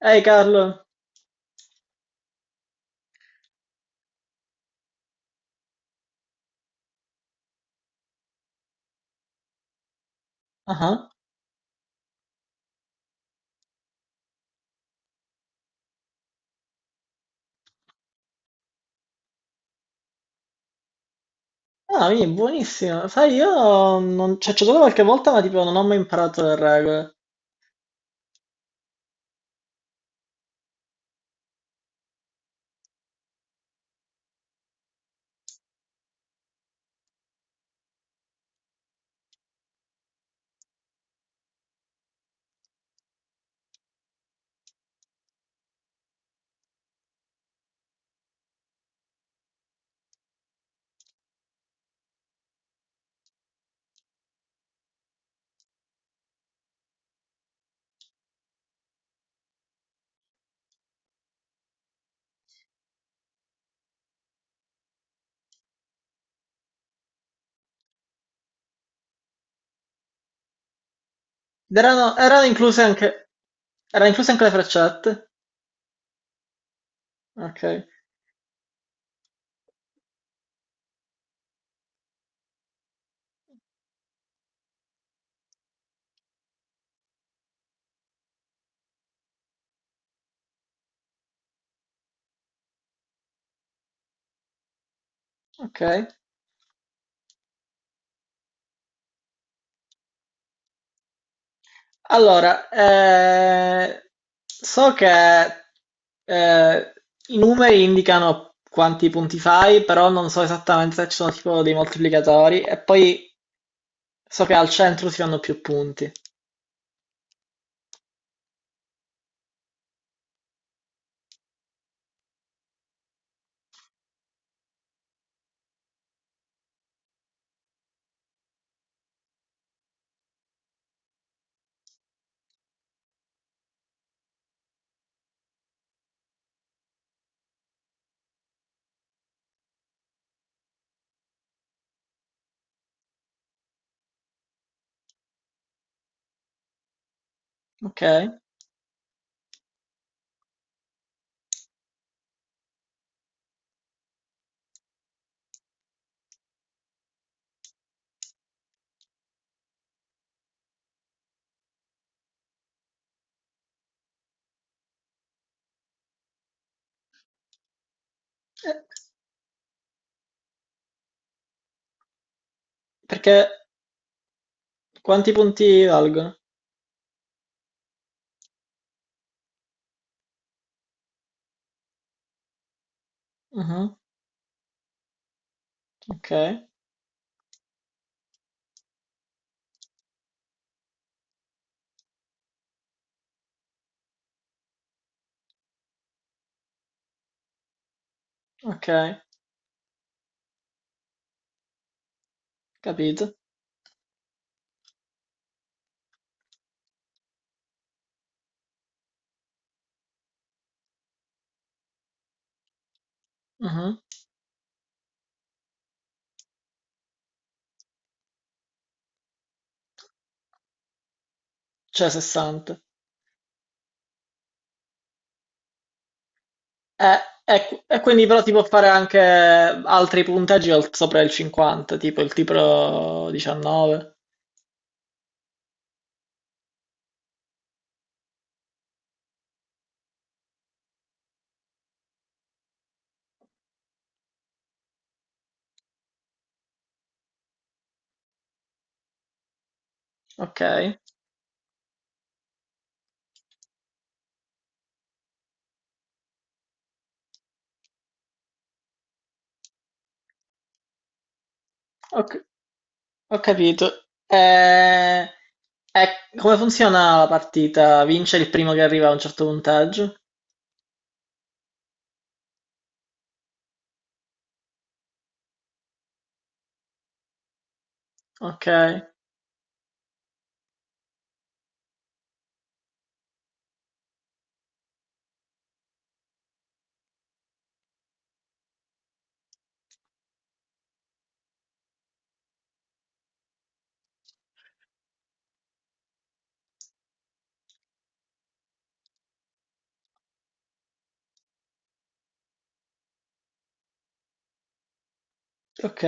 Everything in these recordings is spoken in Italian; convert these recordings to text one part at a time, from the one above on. Ehi Carlo, ah, ah, ah, quindi buonissimo. Sai, io non... cioè, ci ho giocato qualche volta, ma tipo non ho mai imparato le regole. Ed erano incluse anche... Erano incluse anche le freccette? Ok, ok. Allora, so che eh, i numeri indicano quanti punti fai, però non so esattamente se ci sono tipo dei moltiplicatori. E poi so che al centro si fanno più punti. Ok, perché quanti punti valgono? Mhm, ok. Ok, capito. Mhm. Cioè 60. E, e quindi però ti può fare anche altri punteggi al- sopra il 50, tipo 19. Ok, ho, c- ho capito. E come funziona la partita? Vince il primo che arriva a un certo punteggio? Ok, ok,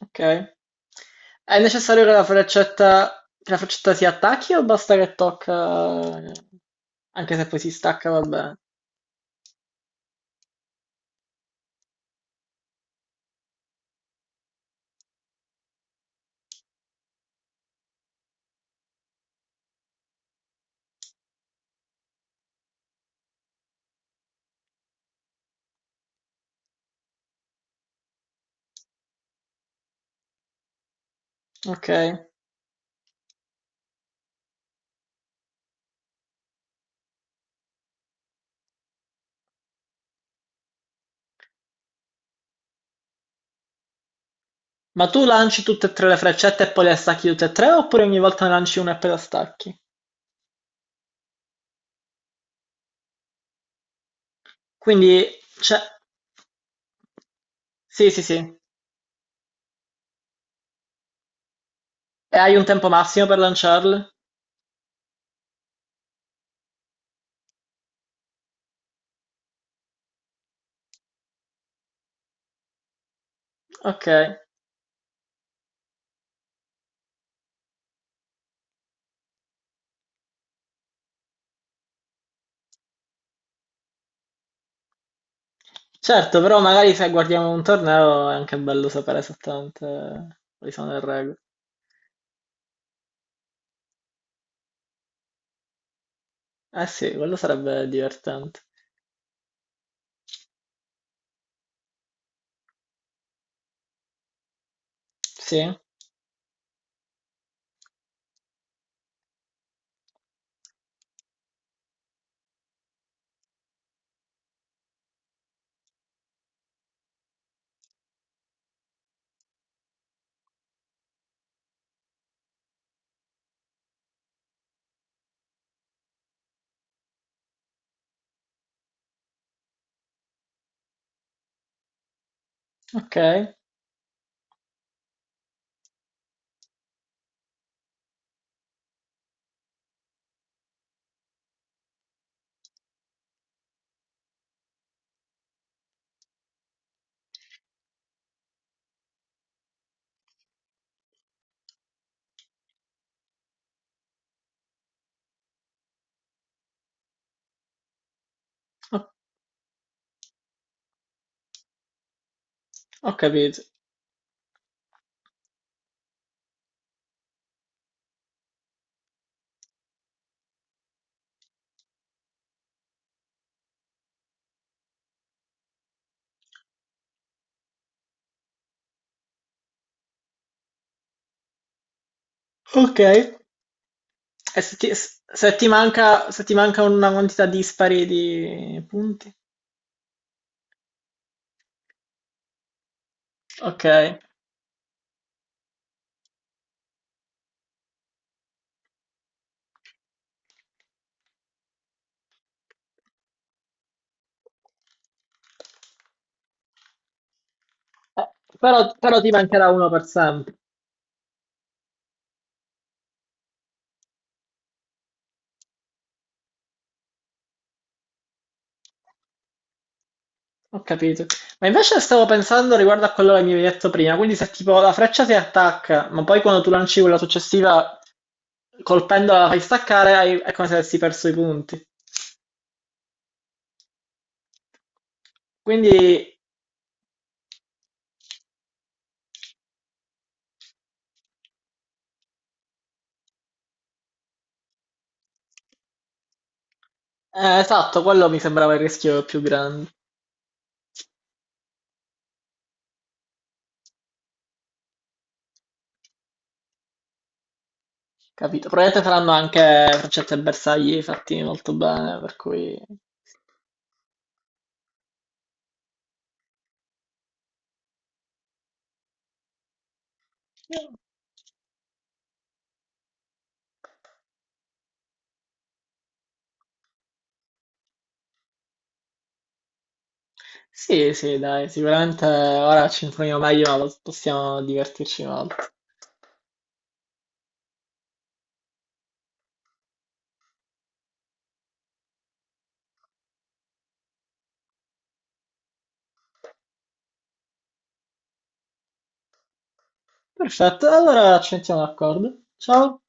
ok. È necessario che la freccetta si attacchi o basta che tocca, anche se poi si stacca, vabbè. Okay. Ma tu lanci tutte e 3 le freccette e poi le stacchi tutte e 3 oppure ogni volta ne lanci una e poi la stacchi? Quindi cioè sì, sì, sì. E hai un tempo massimo per lanciarle? Okay. Certo, però magari se guardiamo un torneo è anche bello sapere esattamente quali sono le regole. Eh sì, quello sarebbe divertente. Sì, okay, ho ho capito. Okay. E se ti s se ti manca se ti manca una quantità dispari di punti? Okay. Eh, però, ti mancherà uno per sempre. Ho capito. Ma invece stavo pensando riguardo a quello che mi avevi detto prima. Quindi se tipo la freccia si attacca, ma poi quando tu lanci quella successiva, colpendola la fai staccare, è come se avessi perso i punti. Quindi, esatto, quello mi sembrava il rischio più grande. Capito? Probabilmente saranno anche freccette e bersagli fatti molto bene, per cui... Sì, sì, dai, sicuramente ora ci informiamo meglio, ma possiamo divertirci molto. Perfetto, allora ci mettiamo d'accordo. Ciao.